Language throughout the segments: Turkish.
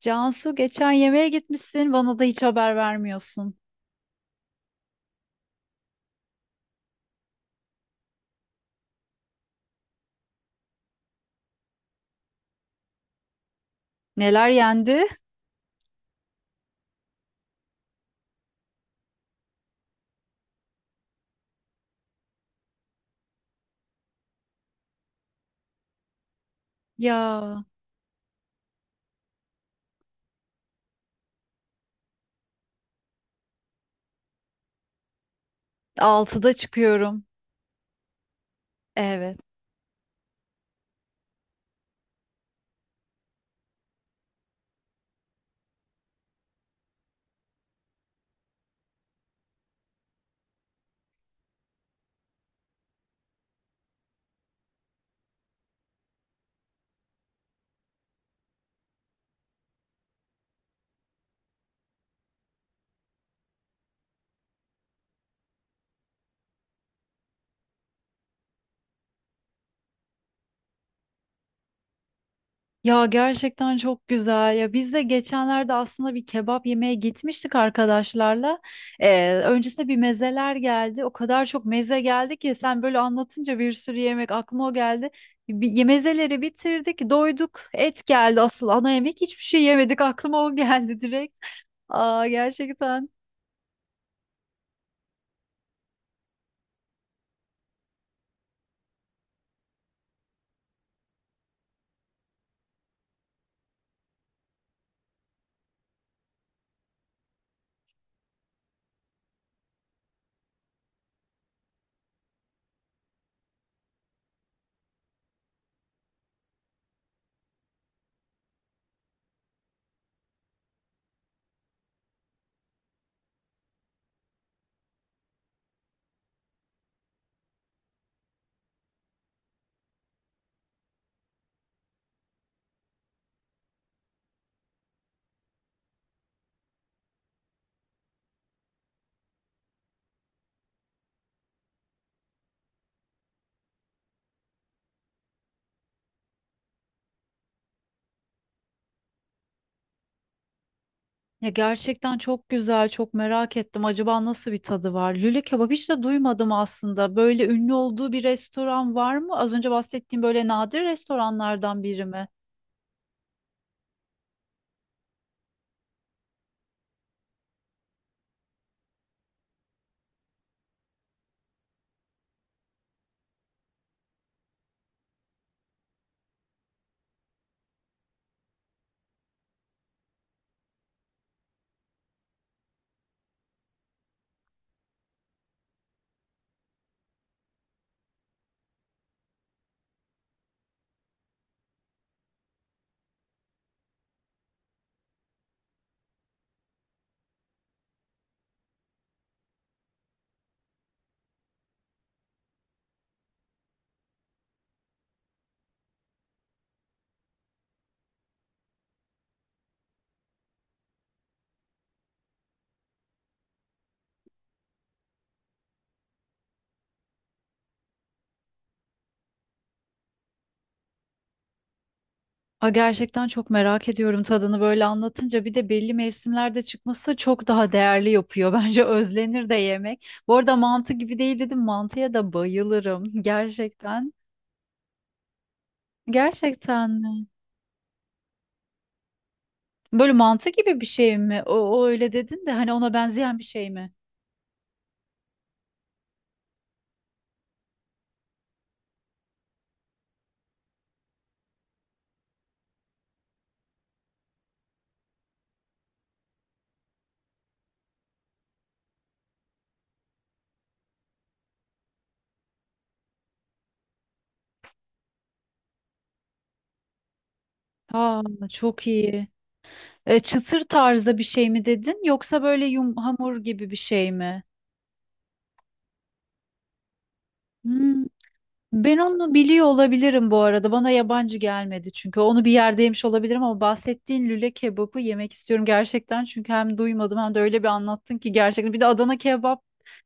Cansu geçen yemeğe gitmişsin. Bana da hiç haber vermiyorsun. Neler yendi? Ya 6'da çıkıyorum. Evet. Ya gerçekten çok güzel. Ya biz de geçenlerde aslında bir kebap yemeye gitmiştik arkadaşlarla. Öncesinde bir mezeler geldi. O kadar çok meze geldi ki sen böyle anlatınca bir sürü yemek aklıma o geldi. Bir, mezeleri bitirdik, doyduk. Et geldi asıl ana yemek. Hiçbir şey yemedik. Aklıma o geldi direkt. Aa gerçekten. Ya gerçekten çok güzel, çok merak ettim. Acaba nasıl bir tadı var? Lüle kebap hiç de duymadım aslında. Böyle ünlü olduğu bir restoran var mı? Az önce bahsettiğim böyle nadir restoranlardan biri mi? Aa, gerçekten çok merak ediyorum tadını böyle anlatınca. Bir de belli mevsimlerde çıkması çok daha değerli yapıyor. Bence özlenir de yemek. Bu arada mantı gibi değil dedim. Mantıya da bayılırım. Gerçekten. Gerçekten mi? Böyle mantı gibi bir şey mi? O, o öyle dedin de hani ona benzeyen bir şey mi? Aa, çok iyi. Çıtır tarzda bir şey mi dedin yoksa böyle yum hamur gibi bir şey mi? Hmm, ben onu biliyor olabilirim bu arada. Bana yabancı gelmedi çünkü. Onu bir yerde yemiş olabilirim ama bahsettiğin lüle kebabı yemek istiyorum gerçekten. Çünkü hem duymadım hem de öyle bir anlattın ki gerçekten. Bir de Adana kebap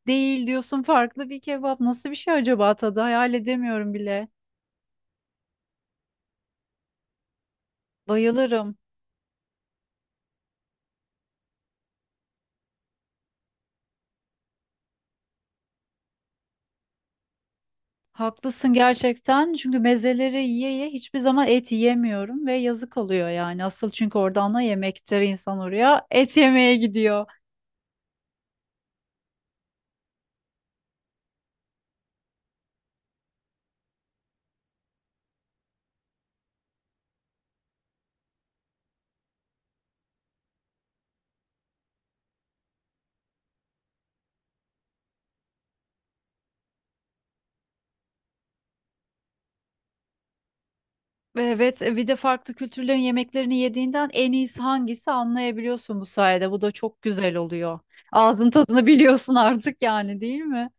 değil diyorsun farklı bir kebap. Nasıl bir şey acaba tadı? Hayal edemiyorum bile. Bayılırım. Haklısın gerçekten çünkü mezeleri yiye yiye hiçbir zaman et yiyemiyorum ve yazık oluyor yani asıl çünkü oradan da yemektir insan oraya et yemeye gidiyor. Evet bir de farklı kültürlerin yemeklerini yediğinden en iyisi hangisi anlayabiliyorsun bu sayede bu da çok güzel oluyor. Ağzın tadını biliyorsun artık yani değil mi?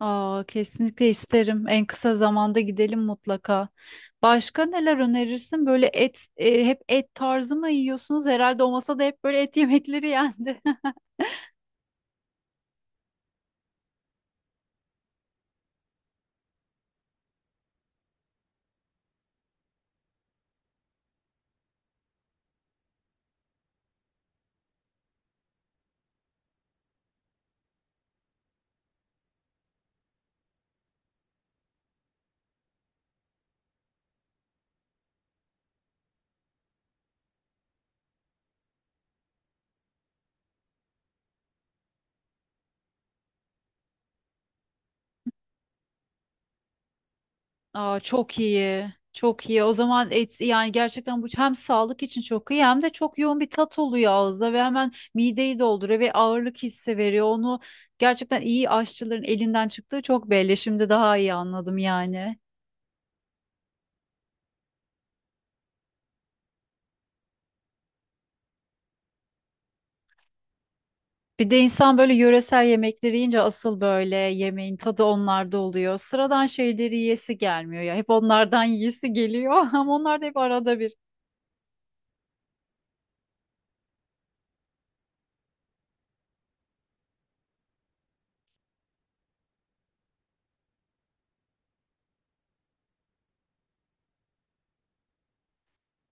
Aa, kesinlikle isterim en kısa zamanda gidelim mutlaka. Başka neler önerirsin? Böyle et, hep et tarzı mı yiyorsunuz? Herhalde o masada hep böyle et yemekleri yendi. Aa, çok iyi. Çok iyi. O zaman et, yani gerçekten bu hem sağlık için çok iyi hem de çok yoğun bir tat oluyor ağızda ve hemen mideyi dolduruyor ve ağırlık hissi veriyor. Onu gerçekten iyi aşçıların elinden çıktığı çok belli. Şimdi daha iyi anladım yani. Bir de insan böyle yöresel yemekleri yiyince asıl böyle yemeğin tadı onlarda oluyor. Sıradan şeyleri yiyesi gelmiyor ya. Hep onlardan yiyesi geliyor ama onlar da hep arada bir.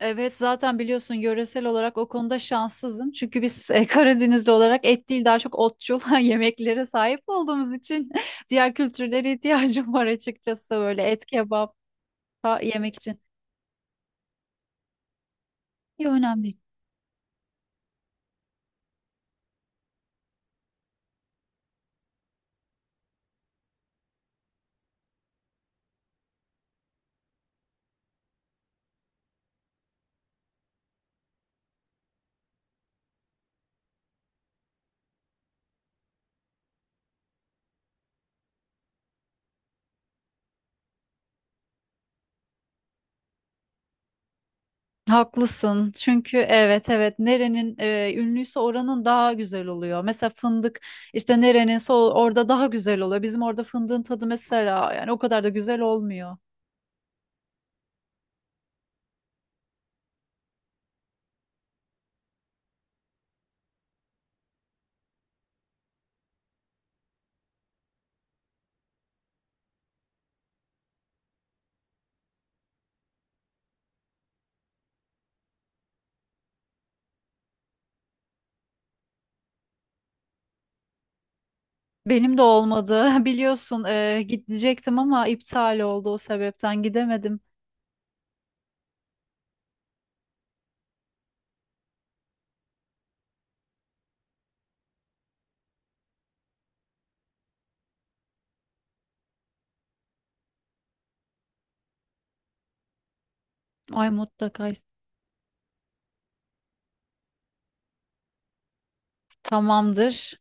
Evet zaten biliyorsun yöresel olarak o konuda şanssızım. Çünkü biz Karadenizli olarak et değil daha çok otçul yemeklere sahip olduğumuz için diğer kültürlere ihtiyacım var açıkçası böyle et kebap da yemek için. İyi önemli değil. Haklısın. Çünkü evet evet nerenin ünlüyse oranın daha güzel oluyor. Mesela fındık işte nereninse o- orada daha güzel oluyor. Bizim orada fındığın tadı mesela yani o kadar da güzel olmuyor. Benim de olmadı. Biliyorsun gidecektim ama iptal oldu o sebepten gidemedim. Ay mutlaka tamamdır.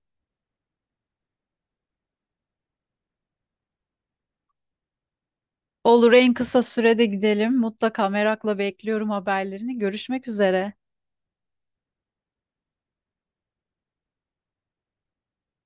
Olur en kısa sürede gidelim. Mutlaka merakla bekliyorum haberlerini. Görüşmek üzere.